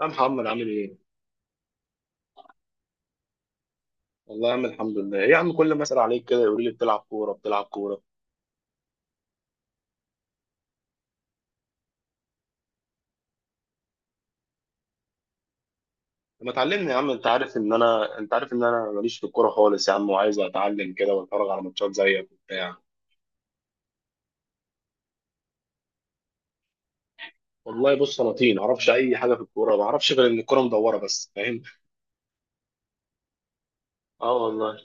يا محمد عامل ايه؟ والله يا عم الحمد لله، إيه يا عم كل ما اسال عليك كده يقول لي بتلعب كوره. طب ما تعلمني يا عم انت عارف ان انا ماليش في الكوره خالص يا عم وعايز اتعلم كده واتفرج على ماتشات زيك وبتاع. والله بص انا طين ما اعرفش اي حاجه في الكوره، ما اعرفش غير ان الكوره مدوره بس فاهم؟ اه والله.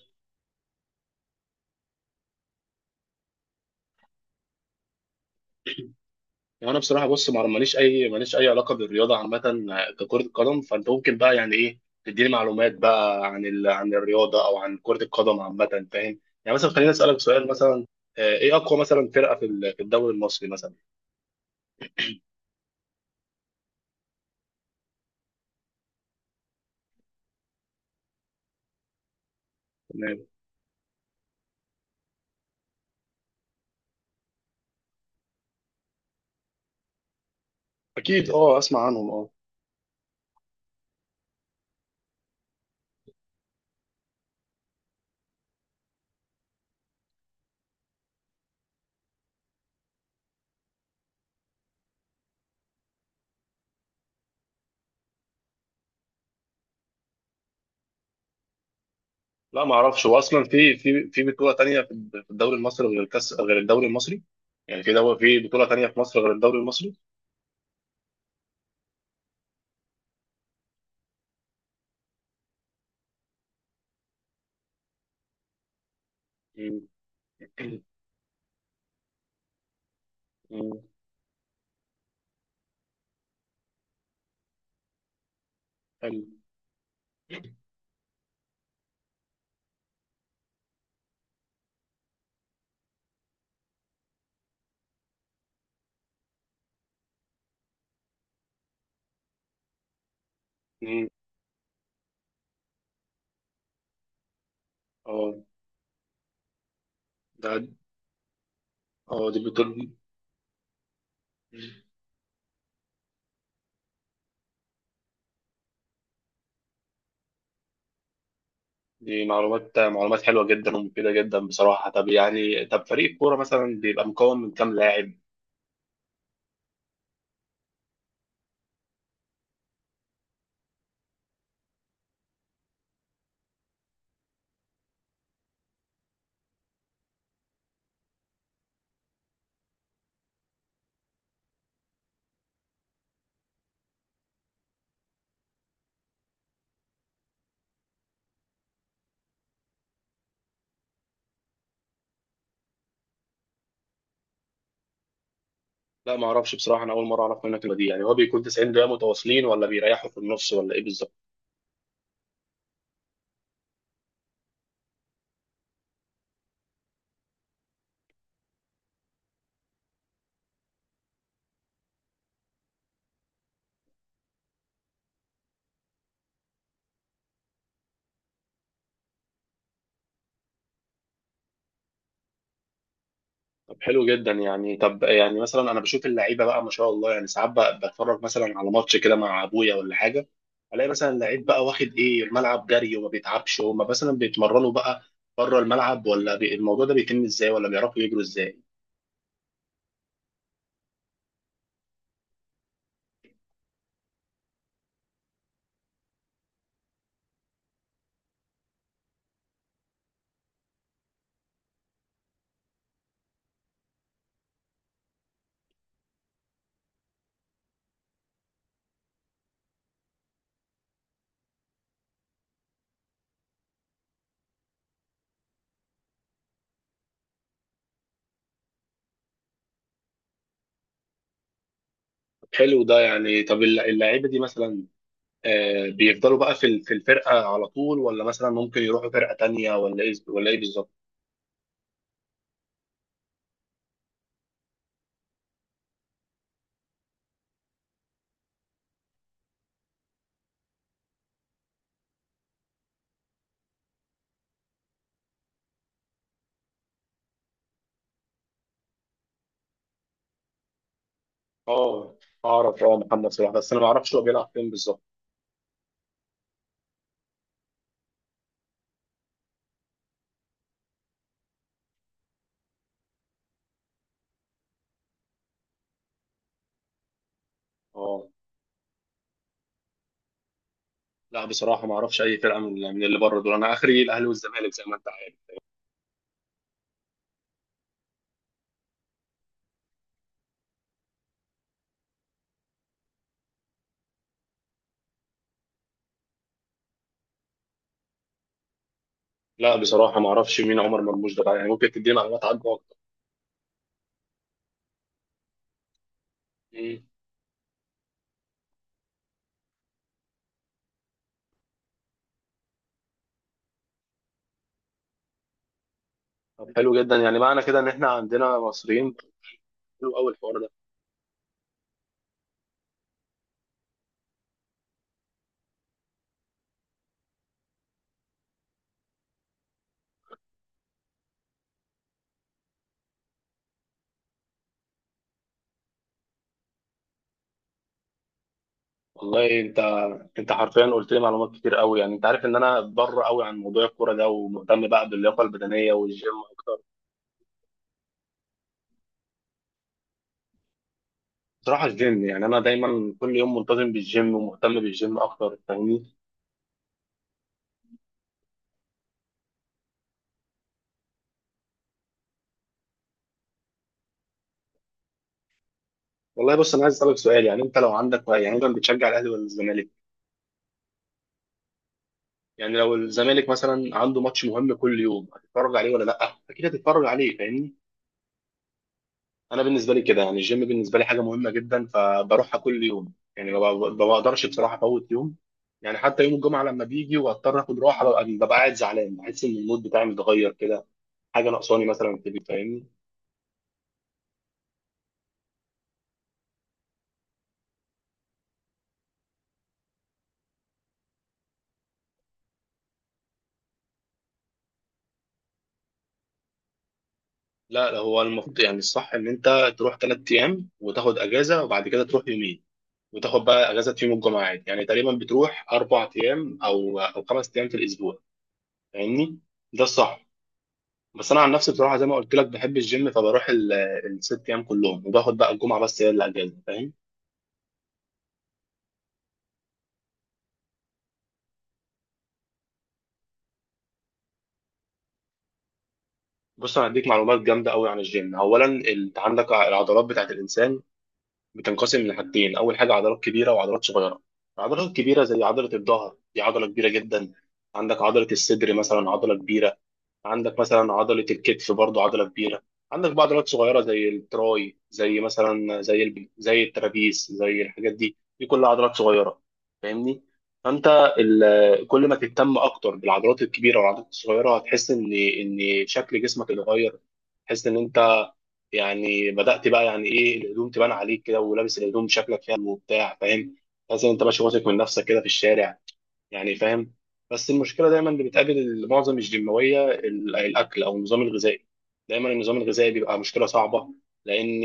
يعني انا بصراحه بص ما ماليش اي ماليش اي علاقه بالرياضه عامه ككره القدم، فانت ممكن بقى يعني ايه تديني معلومات بقى عن الرياضه او عن كره القدم عامه، فاهم؟ يعني مثلا خليني اسالك سؤال مثلا، ايه اقوى مثلا فرقه في الدوري المصري مثلا؟ تمام. اكيد اه اسمع عنهم اه. لا ما اعرفش، هو اصلا في بطوله تانية في الدوري المصري غير الكاس غير الدوري المصري؟ يعني في دوري، في بطوله تانية في مصر غير الدوري المصري؟ مم. مم. حلو. مم. اه. ده اه دي بطوله. دي معلومات معلومات حلوة جدا ومفيدة جدا بصراحة. طب يعني، طب فريق الكورة مثلا بيبقى مكون من كام لاعب؟ لا ما اعرفش بصراحة، انا اول مرة اعرف منك المعلومة دي. يعني هو بيكون 90 دقيقة متواصلين ولا بيريحوا في النص ولا ايه بالظبط؟ طب حلو جدا. يعني طب يعني مثلا انا بشوف اللعيبة بقى ما شاء الله، يعني ساعات بقى بتفرج مثلا على ماتش كده مع ابويا ولا حاجة، الاقي مثلا اللعيب بقى واخد ايه الملعب جري وما بيتعبش. هما مثلا بيتمرنوا بقى بره الملعب الموضوع ده بيتم ازاي؟ ولا بيعرفوا يجروا ازاي؟ طب حلو ده. يعني طب اللعيبة دي مثلا بيفضلوا بقى في الفرقة على طول، ولا مثلا ممكن يروحوا فرقة تانية ولا ايه ولا ايه بالظبط؟ اه اعرف اه محمد صلاح، بس انا ما اعرفش هو بيلعب فين بالظبط. اه. لا بصراحة ما اعرفش اي فرقة من اللي بره دول، انا اخري الاهلي والزمالك زي ما انت عارف. لا بصراحة ما اعرفش مين عمر مرموش ده بقى، يعني ممكن تديني معلومات عنه اكتر؟ مم. طب حلو جدا. يعني معنى كده ان احنا عندنا مصريين، حلو قوي الحوار ده. والله انت، انت حرفيا قلت لي معلومات كتير قوي. يعني انت عارف ان انا بره قوي عن موضوع الكوره ده، ومهتم بقى باللياقه البدنيه والجيم اكتر. بصراحة الجيم، يعني أنا دايما كل يوم منتظم بالجيم ومهتم بالجيم أكتر، فاهمني؟ والله بص، أنا عايز أسألك سؤال، يعني أنت لو عندك، يعني أنت بتشجع الأهلي ولا الزمالك؟ يعني لو الزمالك مثلا عنده ماتش مهم كل يوم هتتفرج عليه ولا لأ؟ أكيد هتتفرج عليه، فاهمني؟ أنا بالنسبة لي كده، يعني الجيم بالنسبة لي حاجة مهمة جدا، فبروحها كل يوم، يعني ما بقدرش بصراحة أفوت يوم. يعني حتى يوم الجمعة لما بيجي وأضطر آخد راحة، ببقى قاعد زعلان، بحس إن المود بتاعي متغير كده، حاجة ناقصاني مثلا في البيت، فاهمني؟ لا لا، هو المفروض يعني الصح ان انت تروح 3 ايام وتاخد اجازه، وبعد كده تروح يومين وتاخد بقى اجازه في يوم الجمعه عادي. يعني تقريبا بتروح 4 ايام او 5 ايام في الاسبوع، فاهمني؟ ده الصح. بس انا عن نفسي بصراحه زي ما قلت لك بحب الجيم، فبروح الـ6 ايام كلهم، وباخد بقى الجمعه بس هي اللي اجازه، فاهم؟ بص انا هديك معلومات جامده قوي عن الجيم. اولا انت عندك العضلات بتاعت الانسان بتنقسم لحاجتين، اول حاجه عضلات كبيره وعضلات صغيره. العضلات الكبيره زي عضله الظهر، دي عضله كبيره جدا. عندك عضله الصدر مثلا عضله كبيره. عندك مثلا عضله الكتف برضو عضله كبيره. عندك بقى عضلات صغيره زي التراي، زي مثلا زي الترابيس، زي الحاجات دي، دي كلها عضلات صغيره، فاهمني؟ فانت كل ما تهتم اكتر بالعضلات الكبيره والعضلات الصغيره، هتحس ان شكل جسمك اتغير، تحس ان انت يعني بدأت بقى يعني ايه الهدوم تبان عليك كده، ولابس الهدوم شكلك حلو وبتاع، فاهم؟ تحس ان انت ماشي واثق من نفسك كده في الشارع، يعني فاهم؟ بس المشكله دايما اللي بتقابل معظم الجيماويه الاكل او النظام الغذائي. دايما النظام الغذائي بيبقى مشكله صعبه، لان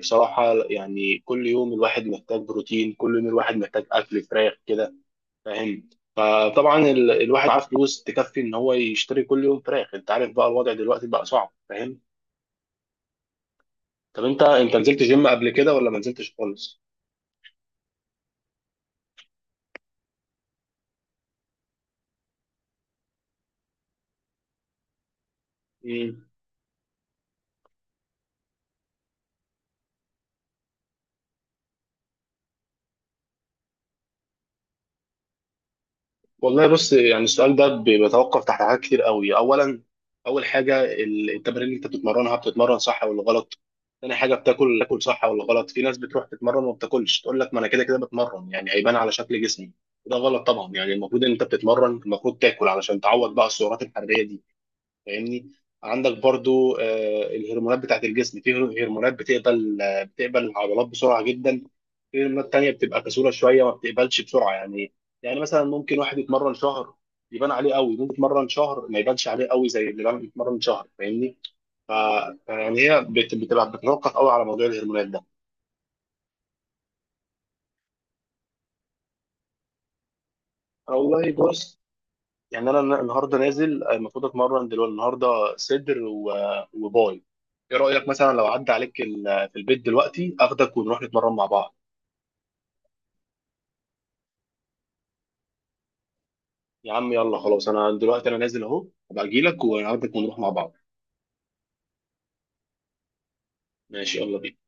بصراحه يعني كل يوم الواحد محتاج بروتين، كل يوم الواحد محتاج اكل فراخ كده، فاهم؟ فطبعا الواحد معاه فلوس تكفي ان هو يشتري كل يوم فراخ، انت عارف بقى الوضع دلوقتي بقى صعب، فاهم؟ طب انت، انت نزلت جيم قبل كده ولا ما نزلتش خالص؟ مم. والله بص، يعني السؤال ده بيتوقف تحت حاجات كتير قوي. اولا اول حاجه التمارين اللي انت بتتمرنها، بتتمرن صح ولا غلط؟ تاني حاجه بتاكل، تاكل صح ولا غلط؟ في ناس بتروح تتمرن وما بتاكلش، تقول لك ما انا كده كده بتمرن يعني هيبان على شكل جسمي، وده غلط طبعا. يعني المفروض ان انت بتتمرن المفروض تاكل علشان تعوض بقى السعرات الحراريه دي، فاهمني؟ عندك برضو الهرمونات بتاعت الجسم، في هرمونات بتقبل بتقبل العضلات بسرعة جدا، في هرمونات تانية بتبقى كسولة شوية ما بتقبلش بسرعة يعني. يعني مثلا ممكن واحد يتمرن شهر يبان عليه قوي، ممكن يتمرن شهر ما يبانش عليه قوي زي يتمرن شهر، فاهمني؟ ف- فيعني هي بتبقى بتتوقف قوي على موضوع الهرمونات ده. والله بص، يعني انا النهارده نازل، المفروض اتمرن دلوقتي النهارده صدر و- وباي. ايه رايك مثلا لو عدى عليك في البيت دلوقتي اخدك ونروح نتمرن مع بعض؟ يا عم يلا خلاص، انا دلوقتي انا نازل اهو، هبقى اجي لك واخدك ونروح مع بعض. ماشي يلا بينا.